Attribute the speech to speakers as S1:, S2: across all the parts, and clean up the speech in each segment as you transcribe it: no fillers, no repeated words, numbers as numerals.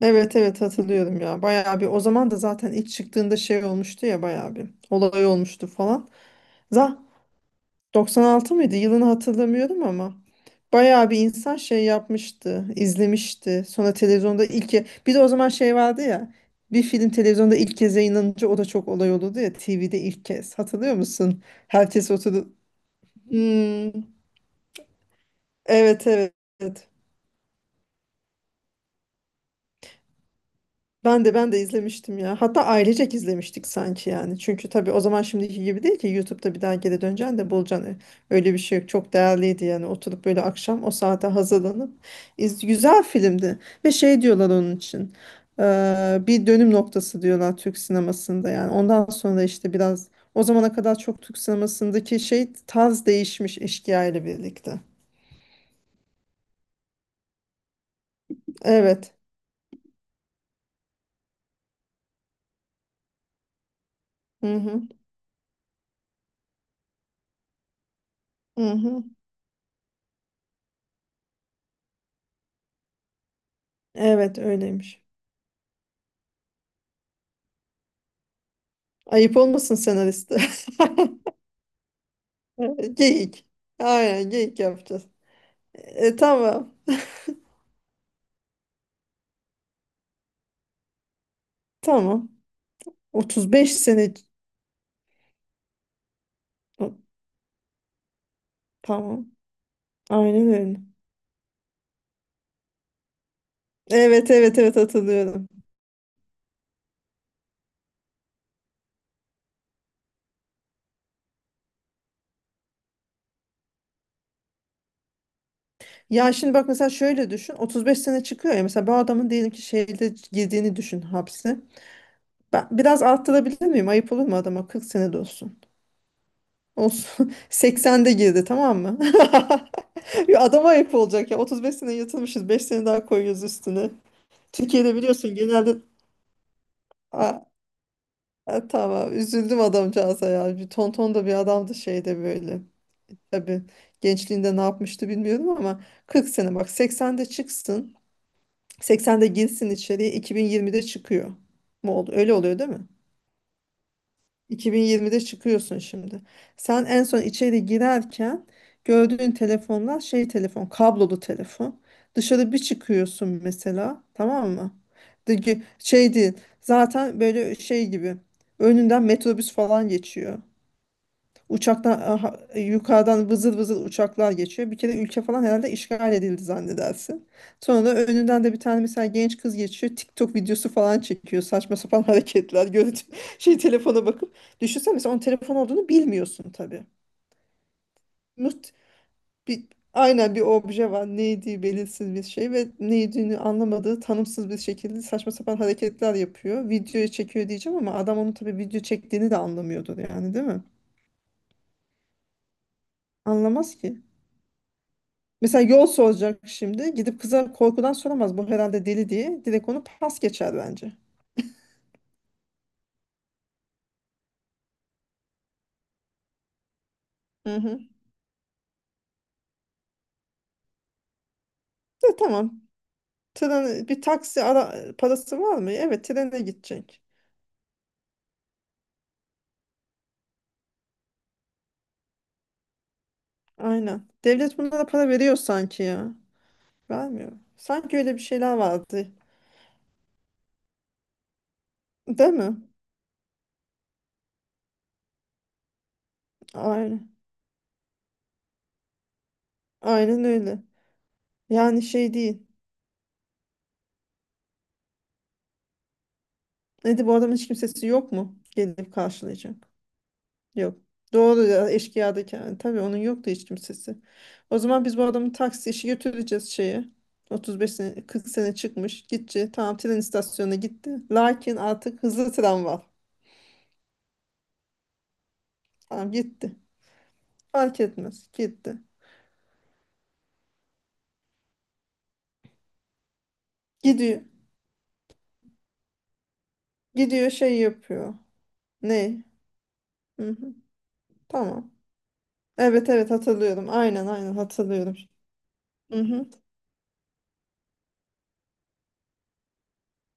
S1: Evet evet hatırlıyorum ya. Bayağı bir o zaman da zaten ilk çıktığında şey olmuştu ya bayağı bir olay olmuştu falan. Za 96 mıydı? Yılını hatırlamıyorum ama bayağı bir insan şey yapmıştı, izlemişti. Sonra televizyonda bir de o zaman şey vardı ya. Bir film televizyonda ilk kez yayınlanınca o da çok olay olurdu ya TV'de ilk kez. Hatırlıyor musun? Herkes oturdu. Hmm, evet evet. Ben de izlemiştim ya. Hatta ailecek izlemiştik sanki yani. Çünkü tabii o zaman şimdiki gibi değil ki YouTube'da bir daha geri döneceksin de bulacaksın. Öyle bir şey yok. Çok değerliydi yani. Oturup böyle akşam o saate hazırlanıp güzel filmdi. Ve şey diyorlar onun için. Bir dönüm noktası diyorlar Türk sinemasında yani. Ondan sonra işte biraz o zamana kadar çok Türk sinemasındaki şey tarz değişmiş Eşkıya ile birlikte. Evet. Hı hı. Hı hı. Evet öyleymiş. Ayıp olmasın senariste. Geyik. Aynen geyik yapacağız. E, tamam. Tamam. 35 sene. Tamam. Aynen öyle. Evet evet evet hatırlıyorum. Ya şimdi bak mesela şöyle düşün. 35 sene çıkıyor ya. Mesela bu adamın diyelim ki şeyde girdiğini düşün hapse. Ben biraz arttırabilir miyim? Ayıp olur mu adama? 40 sene de olsun. Olsun. 80'de girdi tamam mı? Ya adama ayıp olacak ya. 35 sene yatılmışız. 5 sene daha koyuyoruz üstüne. Türkiye'de biliyorsun genelde. Ha, tamam üzüldüm adamcağıza ya. Bir tonton da bir adamdı şeyde böyle. Tabii gençliğinde ne yapmıştı bilmiyorum ama 40 sene bak 80'de çıksın. 80'de girsin içeriye 2020'de çıkıyor. Mu oldu? Öyle oluyor değil mi? 2020'de çıkıyorsun şimdi. Sen en son içeri girerken gördüğün telefonlar şey telefon, kablolu telefon. Dışarı bir çıkıyorsun mesela, tamam mı? Şey değil. Zaten böyle şey gibi. Önünden metrobüs falan geçiyor. Yukarıdan vızıl vızıl uçaklar geçiyor. Bir kere ülke falan herhalde işgal edildi zannedersin. Sonra da önünden de bir tane mesela genç kız geçiyor. TikTok videosu falan çekiyor. Saçma sapan hareketler. Şey telefona bakıp. Düşünsene mesela onun telefon olduğunu bilmiyorsun tabii. Mut, bir, aynen bir obje var. Neydi belirsiz bir şey ve neydiğini anlamadığı tanımsız bir şekilde saçma sapan hareketler yapıyor. Videoya çekiyor diyeceğim ama adam onu tabii video çektiğini de anlamıyordur yani değil mi? Anlamaz ki. Mesela yol soracak şimdi. Gidip kıza korkudan soramaz. Bu herhalde deli diye. Direkt onu pas geçer bence. Hı hı. E, tamam. Tren, bir taksi ara, parası var mı? Evet trene gidecek. Aynen. Devlet bunlara para veriyor sanki ya. Vermiyor. Sanki öyle bir şeyler vardı. Değil mi? Aynen. Aynen öyle. Yani şey değil. Neydi bu adamın hiç kimsesi yok mu? Gelip karşılayacak. Yok. Doğru ya eşkıyadaki yani. Tabii onun yoktu hiç kimsesi. O zaman biz bu adamı taksi işi götüreceğiz şeye. 35 sene 40 sene çıkmış. Gitti. Tamam tren istasyonuna gitti. Lakin artık hızlı tren var. Tamam gitti. Fark etmez. Gitti. Gidiyor. Gidiyor şey yapıyor. Ne? Hı hı. Tamam. Evet evet hatırlıyorum. Aynen hatırlıyorum. Hı hı.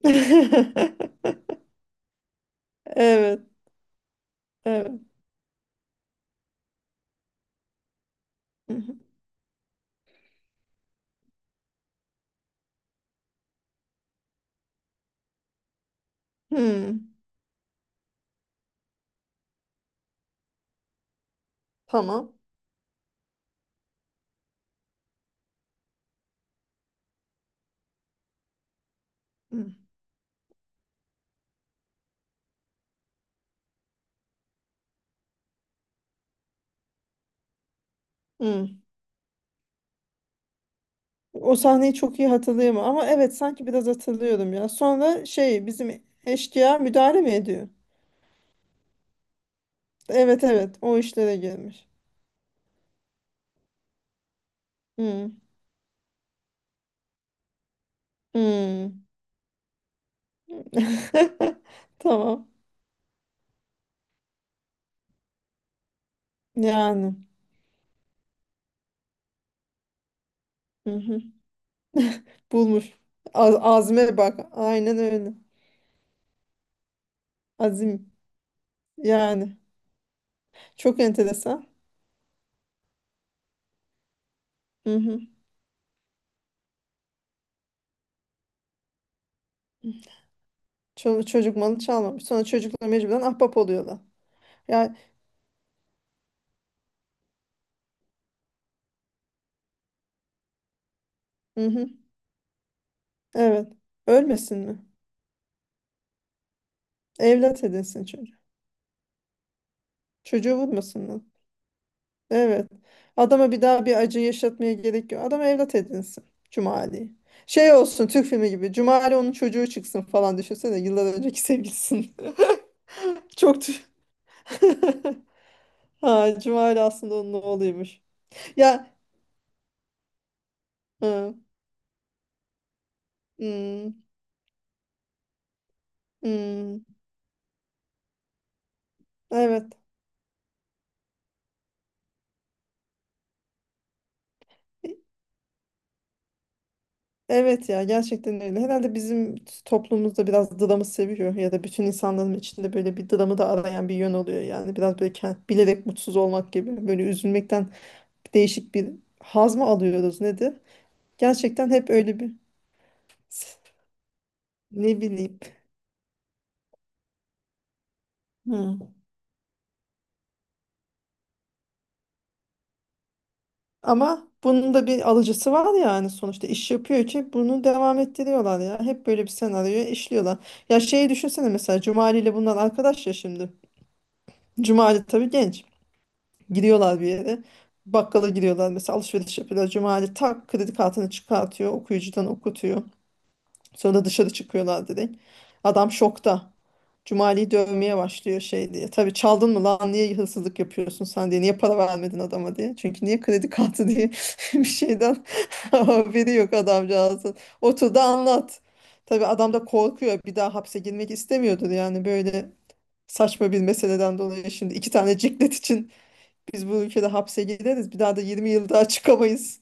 S1: Evet. Evet. Hı hı. Hı. Tamam. Hı. Hı. O sahneyi çok iyi hatırlayamam ama evet sanki biraz hatırlıyorum ya. Sonra şey bizim eşkıya müdahale mi ediyor? Evet evet o işlere girmiş. Hmm. Hmm. Tamam. Yani. Hı-hı. Bulmuş. Azme bak. Aynen öyle. Azim. Yani. Çok enteresan. Hı-hı. Çocuk malı çalmamış. Sonra çocuklar mecburen ahbap oluyorlar. Yani. Hı-hı. Evet. Ölmesin mi? Evlat edinsin çocuğu. Çocuğu vurmasınlar. Evet. Adama bir daha bir acı yaşatmaya gerek yok. Adam evlat edinsin. Cumali. Şey olsun Türk filmi gibi. Cumali onun çocuğu çıksın falan düşünsene. Yıllar önceki sevgilisin. Çok tü- ha, Cumali aslında onun oğluymuş. Ya hı, hmm, hmm, evet. E, evet ya gerçekten öyle. Herhalde bizim toplumumuzda biraz dramı seviyor ya da bütün insanların içinde böyle bir dramı da arayan bir yön oluyor yani. Biraz böyle bilerek mutsuz olmak gibi böyle üzülmekten değişik bir haz mı alıyoruz nedir? Gerçekten hep öyle bir ne bileyim. Hı. Ama bunun da bir alıcısı var yani sonuçta iş yapıyor ki bunu devam ettiriyorlar ya. Hep böyle bir senaryoya işliyorlar. Ya şeyi düşünsene mesela Cumali ile bunlar arkadaş ya şimdi. Cumali tabii genç. Gidiyorlar bir yere. Bakkala gidiyorlar mesela alışveriş yapıyorlar. Cumali tak kredi kartını çıkartıyor. Okuyucudan okutuyor. Sonra dışarı çıkıyorlar direkt. Adam şokta. Cumali'yi dövmeye başlıyor şey diye. Tabii çaldın mı lan niye hırsızlık yapıyorsun sen diye. Niye para vermedin adama diye. Çünkü niye kredi kartı diye bir şeyden haberi yok adamcağızın. Otur da anlat. Tabii adam da korkuyor. Bir daha hapse girmek istemiyordur yani böyle saçma bir meseleden dolayı. Şimdi iki tane ciklet için biz bu ülkede hapse gireriz. Bir daha da 20 yıl daha çıkamayız.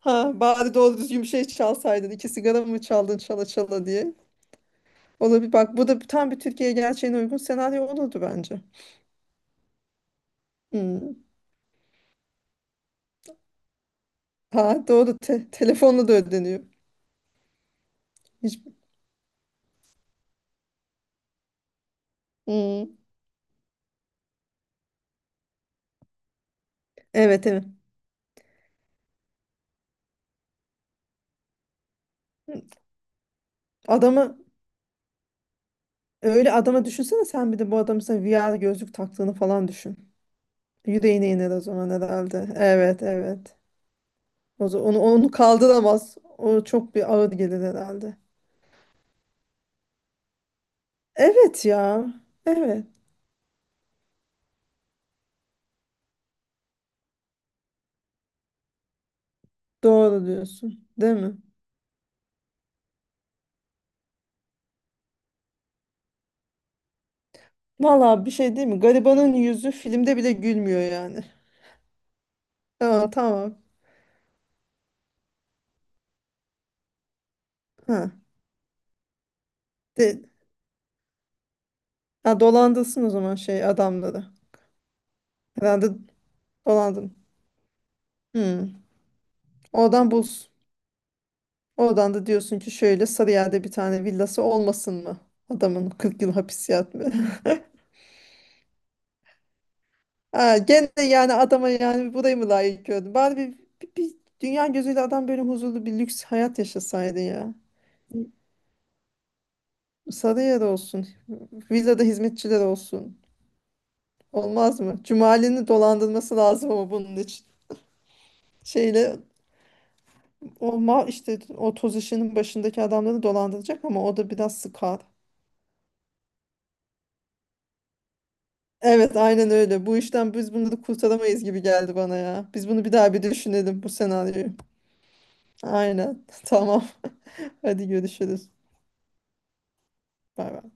S1: Ha, bari doğru düzgün bir şey çalsaydın. İki sigara mı çaldın çala çala diye. Olabilir. Bak bu da tam bir Türkiye gerçeğine uygun senaryo olurdu bence. Hmm. Ha doğru. Telefonla da ödeniyor. Hiç. Hmm. Evet evet. Hmm. Adamı Öyle adama düşünsene sen bir de bu adamın sana VR gözlük taktığını falan düşün. Yüreğine iner o zaman herhalde. Evet evet. O zaman onu kaldıramaz. O çok bir ağır gelir herhalde. Evet ya. Evet. Doğru diyorsun. Değil mi? Vallahi bir şey değil mi? Garibanın yüzü filmde bile gülmüyor yani. Aa, tamam. Ha. De, ha, dolandılsın o zaman şey adamları. Herhalde dolandın. Hmm. Oradan buz. Oradan da diyorsun ki şöyle Sarıyer'de bir tane villası olmasın mı? Adamın 40 yıl hapis yatmıyor. Ha, gene yani adama yani burayı mı layık gördün? Bari bir dünya gözüyle adam böyle huzurlu bir lüks hayat yaşasaydı ya. Sarıyer olsun. Villada hizmetçiler olsun. Olmaz mı? Cumali'nin dolandırması lazım ama bunun için. Şeyle O mal işte o toz işinin başındaki adamları dolandıracak ama o da biraz sıkar. Evet aynen öyle. Bu işten biz bunu da kurtaramayız gibi geldi bana ya. Biz bunu bir daha bir düşünelim bu senaryoyu. Aynen. Tamam. Hadi görüşürüz. Bay bay.